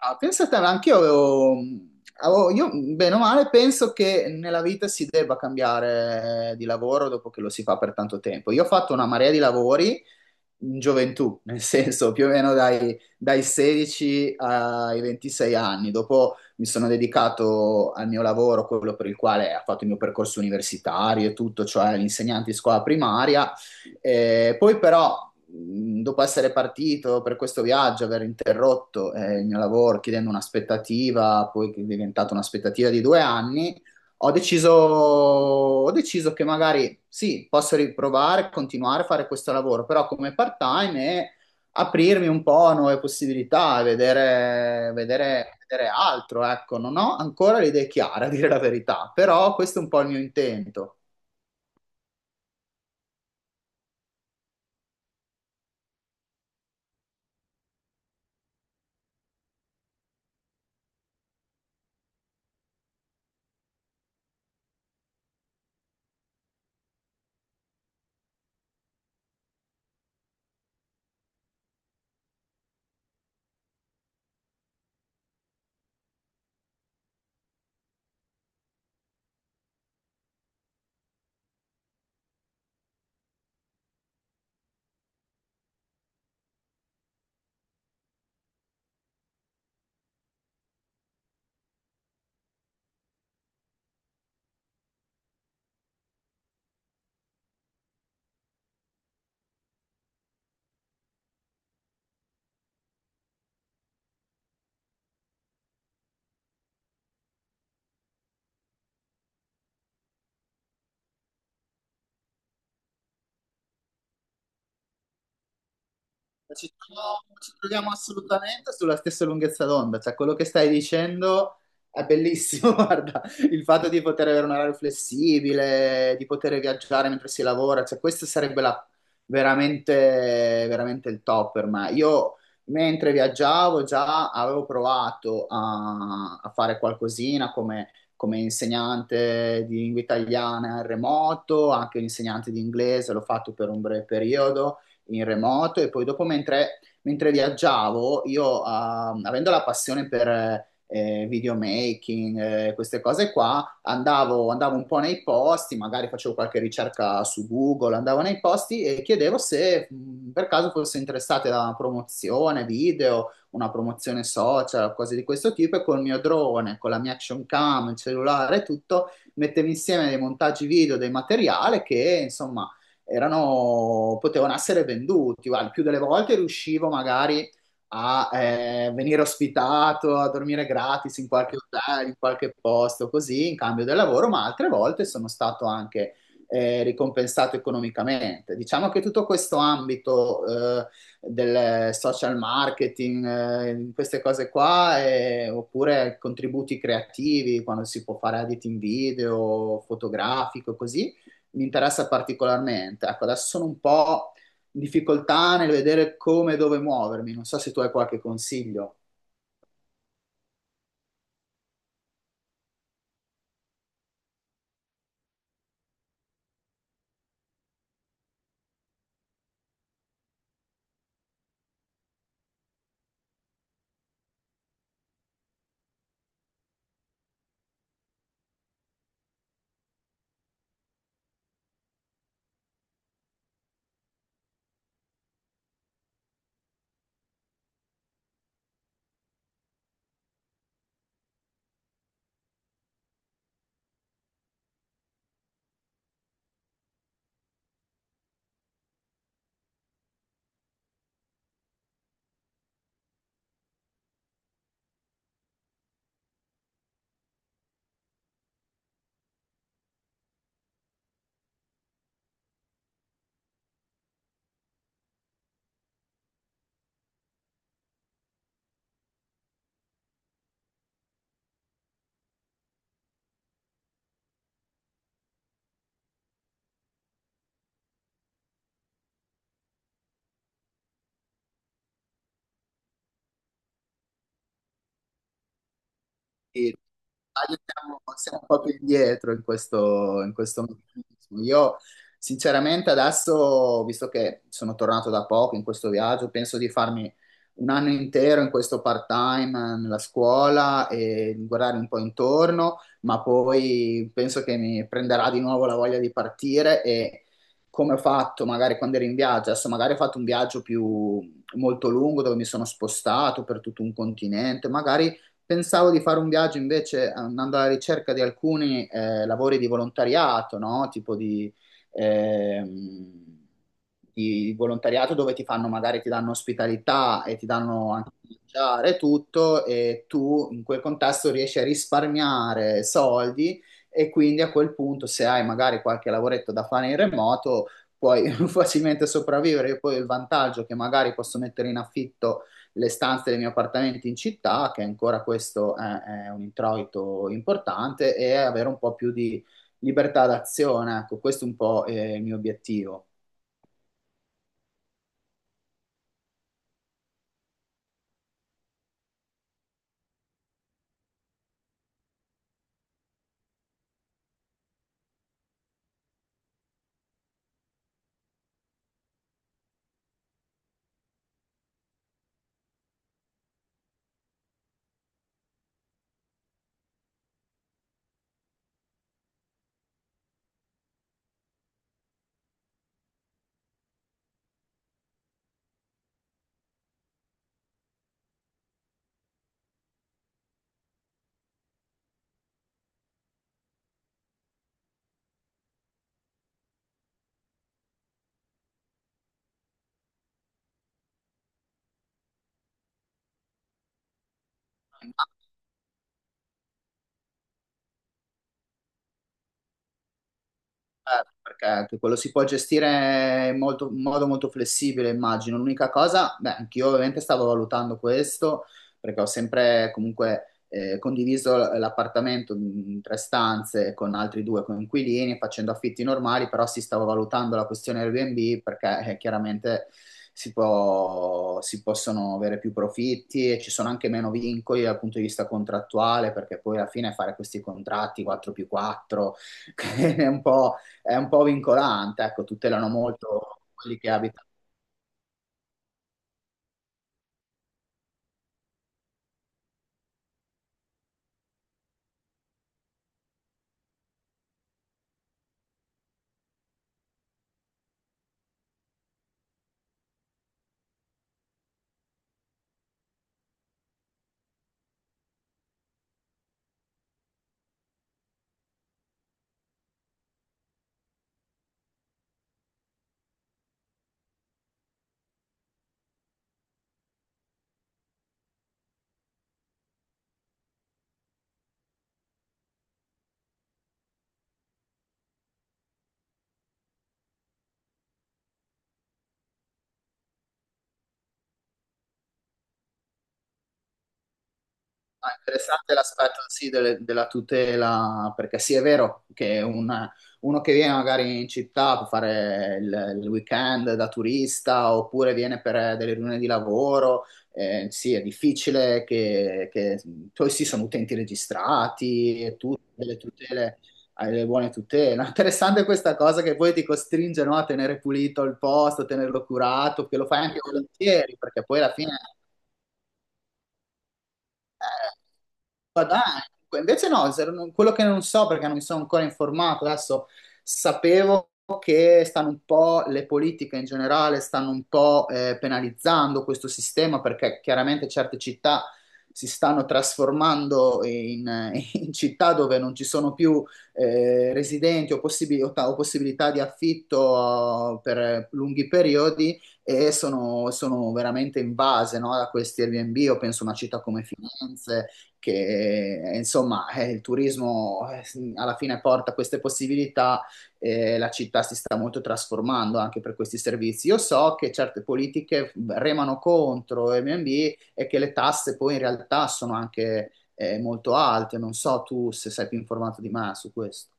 Ah, pensate, anche io, bene o male, penso che nella vita si debba cambiare di lavoro dopo che lo si fa per tanto tempo. Io ho fatto una marea di lavori in gioventù, nel senso più o meno dai, 16 ai 26 anni. Dopo mi sono dedicato al mio lavoro, quello per il quale ho fatto il mio percorso universitario e tutto, cioè l'insegnante di scuola primaria. Poi però, dopo essere partito per questo viaggio, aver interrotto il mio lavoro chiedendo un'aspettativa, poi che è diventata un'aspettativa di 2 anni, ho deciso che magari sì, posso riprovare, continuare a fare questo lavoro, però come part-time e aprirmi un po' a nuove possibilità, vedere altro. Ecco, non ho ancora le idee chiare, a dire la verità, però questo è un po' il mio intento. Ci troviamo assolutamente sulla stessa lunghezza d'onda, cioè quello che stai dicendo è bellissimo, guarda, il fatto di poter avere un orario flessibile, di poter viaggiare mentre si lavora, cioè questo veramente, veramente il top per me. Io mentre viaggiavo già avevo provato a fare qualcosina come insegnante di lingua italiana in remoto, anche un insegnante di inglese, l'ho fatto per un breve periodo in remoto e poi dopo mentre viaggiavo, io avendo la passione per videomaking, queste cose qua, andavo un po' nei posti, magari facevo qualche ricerca su Google, andavo nei posti e chiedevo se per caso fosse interessata a una promozione video, una promozione social, cose di questo tipo e col mio drone, con la mia action cam, il cellulare e tutto, mettevo insieme dei montaggi video, dei materiali che insomma erano, potevano essere venduti. Guarda, il più delle volte riuscivo magari a venire ospitato, a dormire gratis in qualche hotel, in qualche posto, così in cambio del lavoro, ma altre volte sono stato anche ricompensato economicamente. Diciamo che tutto questo ambito del social marketing, queste cose qua, oppure contributi creativi, quando si può fare editing video, fotografico, così mi interessa particolarmente. Ecco, adesso sono un po' in difficoltà nel vedere come e dove muovermi. Non so se tu hai qualche consiglio. Sì, Italia siamo un po' più indietro in questo meccanismo. Io sinceramente adesso, visto che sono tornato da poco in questo viaggio, penso di farmi 1 anno intero in questo part-time nella scuola e di guardare un po' intorno, ma poi penso che mi prenderà di nuovo la voglia di partire e come ho fatto magari quando ero in viaggio, adesso magari ho fatto un viaggio più molto lungo dove mi sono spostato per tutto un continente, magari pensavo di fare un viaggio invece andando alla ricerca di alcuni lavori di volontariato, no? Tipo ehm, di volontariato dove ti fanno, magari ti danno ospitalità e ti danno anche da mangiare e tutto e tu in quel contesto riesci a risparmiare soldi e quindi a quel punto se hai magari qualche lavoretto da fare in remoto puoi facilmente sopravvivere. E poi il vantaggio che magari posso mettere in affitto le stanze dei miei appartamenti in città, che ancora è un introito importante, e avere un po' più di libertà d'azione. Ecco, questo è un po' il mio obiettivo. Certo, perché anche quello si può gestire in modo molto flessibile, immagino. L'unica cosa, beh, anch'io ovviamente stavo valutando questo, perché ho sempre comunque condiviso l'appartamento in 3 stanze con altri 2 coinquilini, facendo affitti normali, però si stava valutando la questione Airbnb perché chiaramente si possono avere più profitti e ci sono anche meno vincoli dal punto di vista contrattuale, perché poi alla fine fare questi contratti 4 più 4 è un po' è un po' vincolante, ecco, tutelano molto quelli che abitano. Ah, interessante l'aspetto sì, della tutela, perché sì, è vero che uno che viene magari in città per fare il weekend da turista oppure viene per delle riunioni di lavoro, sì, è difficile poi sì, sono utenti registrati e tutte delle tutele, hai le buone tutele. No, interessante questa cosa che poi ti costringe, no, a tenere pulito il posto, a tenerlo curato, che lo fai anche volentieri, perché poi alla fine. Ma dai, invece no, quello che non so perché non mi sono ancora informato, adesso sapevo che stanno un po', le politiche in generale stanno un po' penalizzando questo sistema perché chiaramente certe città si stanno trasformando in, in città dove non ci sono più residenti o possibilità di affitto per lunghi periodi e sono veramente invase, no, da questi Airbnb. Io penso a una città come Firenze, che insomma, il turismo alla fine porta queste possibilità e la città si sta molto trasformando anche per questi servizi. Io so che certe politiche remano contro Airbnb e che le tasse poi in realtà sono anche molto alte. Non so tu se sei più informato di me su questo.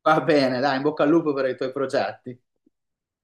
Va bene, dai, in bocca al lupo per i tuoi progetti.